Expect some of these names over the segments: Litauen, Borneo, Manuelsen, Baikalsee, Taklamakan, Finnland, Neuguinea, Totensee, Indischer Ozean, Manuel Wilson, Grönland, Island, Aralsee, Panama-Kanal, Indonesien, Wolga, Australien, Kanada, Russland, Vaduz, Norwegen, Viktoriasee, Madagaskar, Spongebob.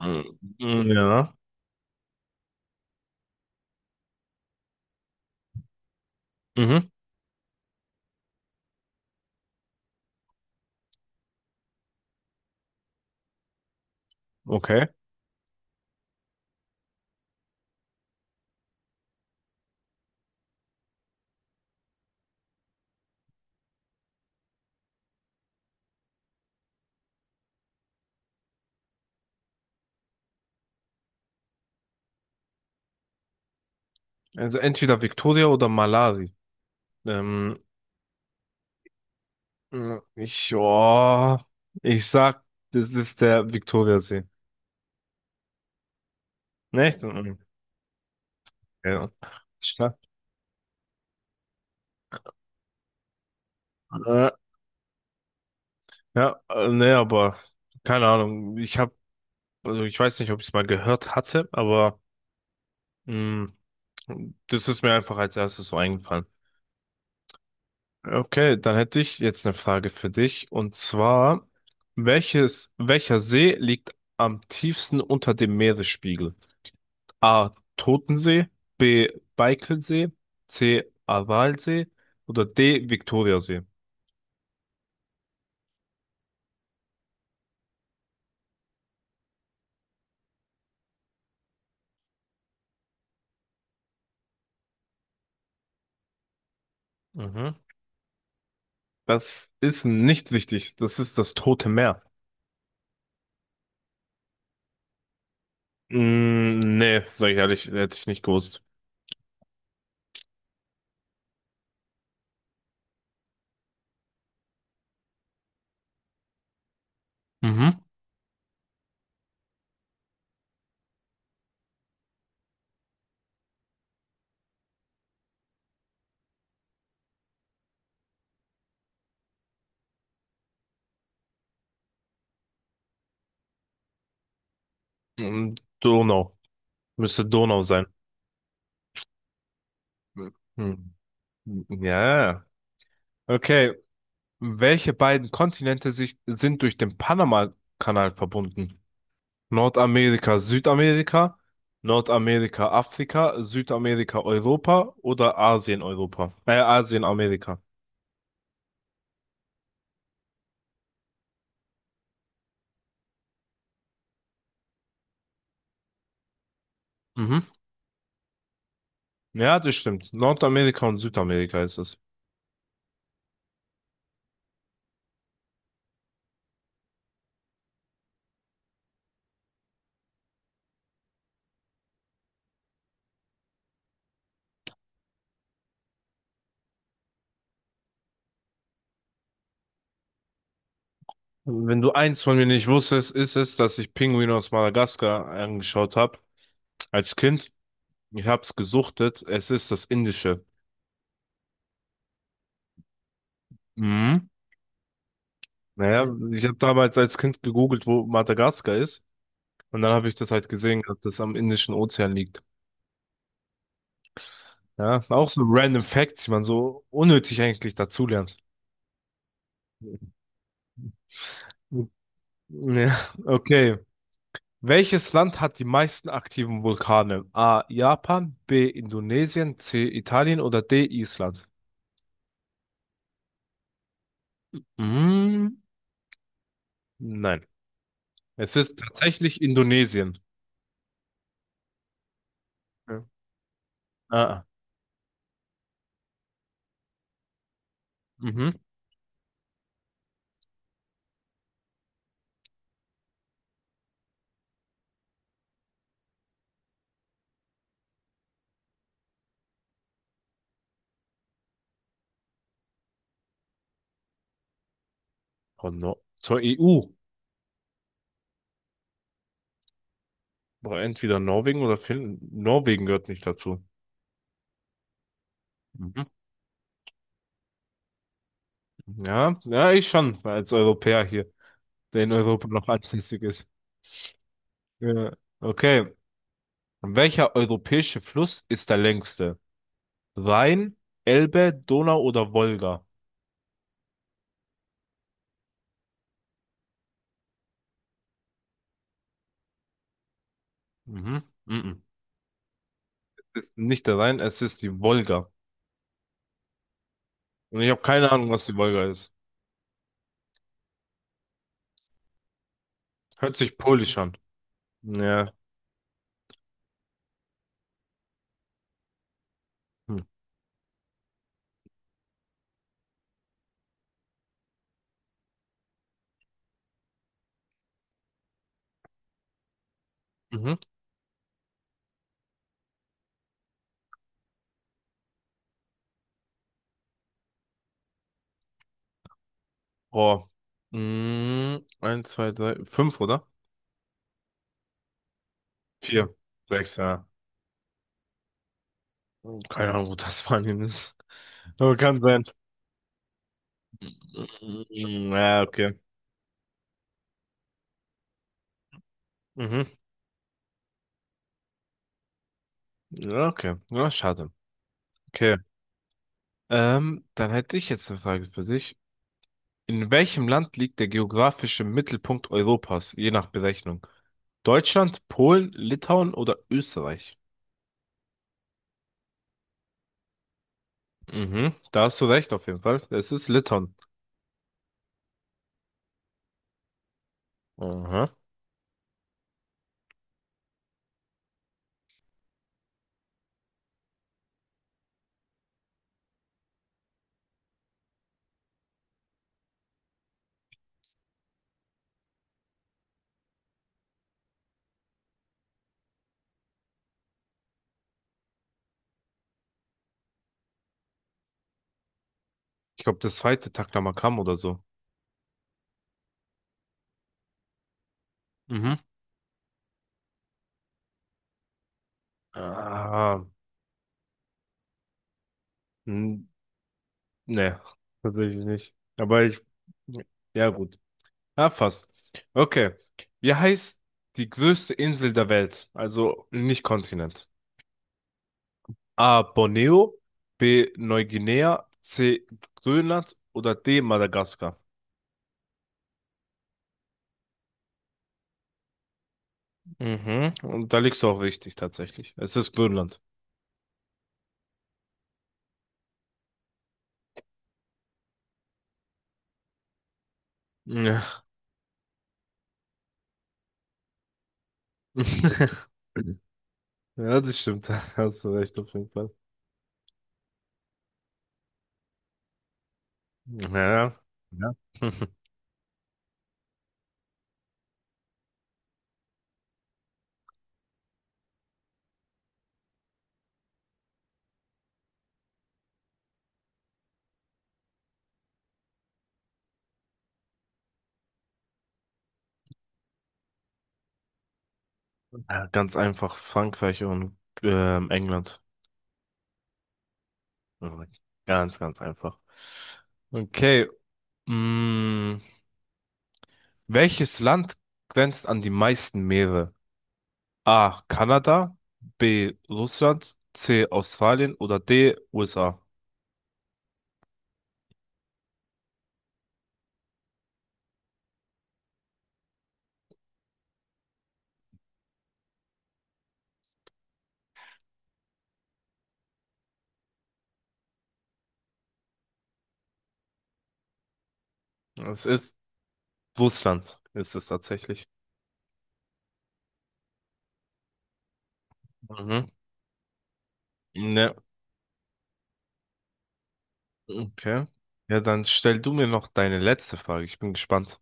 Mhm. Ja. Mhm. Okay. Also entweder Victoria oder Malawi. Ähm, ich, ja, ich sag, das ist der Victoriasee. Nicht? Mhm. Ja. Ich sag, äh, ja, nee, aber keine Ahnung. Also ich weiß nicht, ob ich es mal gehört hatte, aber mh, das ist mir einfach als erstes so eingefallen. Okay, dann hätte ich jetzt eine Frage für dich. Und zwar, welcher See liegt am tiefsten unter dem Meeresspiegel? A. Totensee, B. Baikalsee, C. Aralsee oder D. Viktoriasee? Mhm. Das ist nicht richtig. Das ist das Tote Meer. Mm, nee, sag ich ehrlich, hätte ich nicht gewusst. Mhm. Hm, Donau. Müsste Donau sein. Hm. Ja. Okay. Welche beiden Kontinente sind durch den Panama-Kanal verbunden? Nordamerika, Südamerika, Nordamerika, Afrika, Südamerika, Europa oder Asien, Europa? Asien, Amerika. Mhm. Ja, das stimmt. Nordamerika und Südamerika ist es. Wenn du eins von mir nicht wusstest, ist es, dass ich Pinguine aus Madagaskar angeschaut habe als Kind. Ich hab's gesuchtet. Es ist das Indische. Mhm. Naja, ich habe damals als Kind gegoogelt, wo Madagaskar ist. Und dann habe ich das halt gehabt, dass das am Indischen Ozean liegt. Ja, auch so random Facts, die man so unnötig eigentlich dazulernt. Ja, okay. Welches Land hat die meisten aktiven Vulkane? A. Japan, B. Indonesien, C. Italien oder D. Island? Mhm. Nein. Es ist tatsächlich Indonesien. Ja. Ah. Mhm. Von Nor zur EU. Aber entweder Norwegen oder Finnland. Norwegen gehört nicht dazu. Mhm. Ja, ja, ich schon, als Europäer hier, der in Europa noch ansässig ist. Ja. Okay. Welcher europäische Fluss ist der längste? Rhein, Elbe, Donau oder Wolga? Mhm. Mhm. Es ist nicht der Rhein, es ist die Wolga. Und ich habe keine Ahnung, was die Wolga ist. Hört sich polisch an. Ja. Hm. Mhm. Oh. Mhm. Eins, zwei, drei, fünf, oder? Vier, sechs, ja. Keine Ahnung, wo das Spanien ist. Aber kann sein. Mm, ja, okay. Mhm. Ja, okay. Ja, schade. Okay. Dann hätte ich jetzt eine Frage für dich. In welchem Land liegt der geografische Mittelpunkt Europas, je nach Berechnung? Deutschland, Polen, Litauen oder Österreich? Mhm. Da hast du recht, auf jeden Fall. Es ist Litauen. Aha. Ich glaube, das zweite Taklamakan oder so. Mhm. Ah. Nee, tatsächlich nicht. Ja gut. Ja, fast. Okay. Wie heißt die größte Insel der Welt? Also nicht Kontinent. A. Borneo, B. Neuguinea, C. Grönland oder D. Madagaskar. Mhm. Und da liegst du auch richtig, tatsächlich. Es ist Grönland. Ja. Ja, das stimmt. Da hast du recht, auf jeden Fall. Ja. Ja. Ja, ganz einfach Frankreich und England. Ganz, ganz einfach. Okay. Mh, welches Land grenzt an die meisten Meere? A. Kanada, B. Russland, C. Australien oder D. USA? Es ist Russland, ist es tatsächlich. Mhm. Ne, okay. Ja, dann stell du mir noch deine letzte Frage. Ich bin gespannt.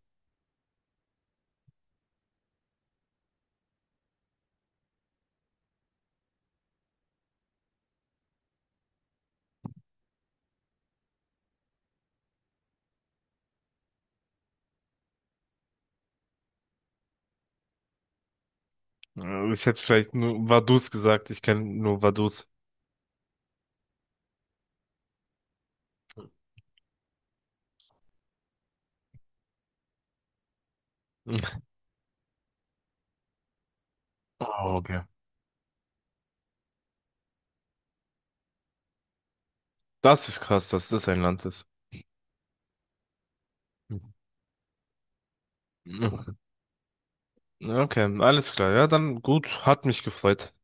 Ich hätte vielleicht nur Vaduz gesagt. Ich kenne nur Vaduz. Oh, okay. Das ist krass, dass das ein Land ist. Mhm. Okay, alles klar. Ja, dann gut, hat mich gefreut.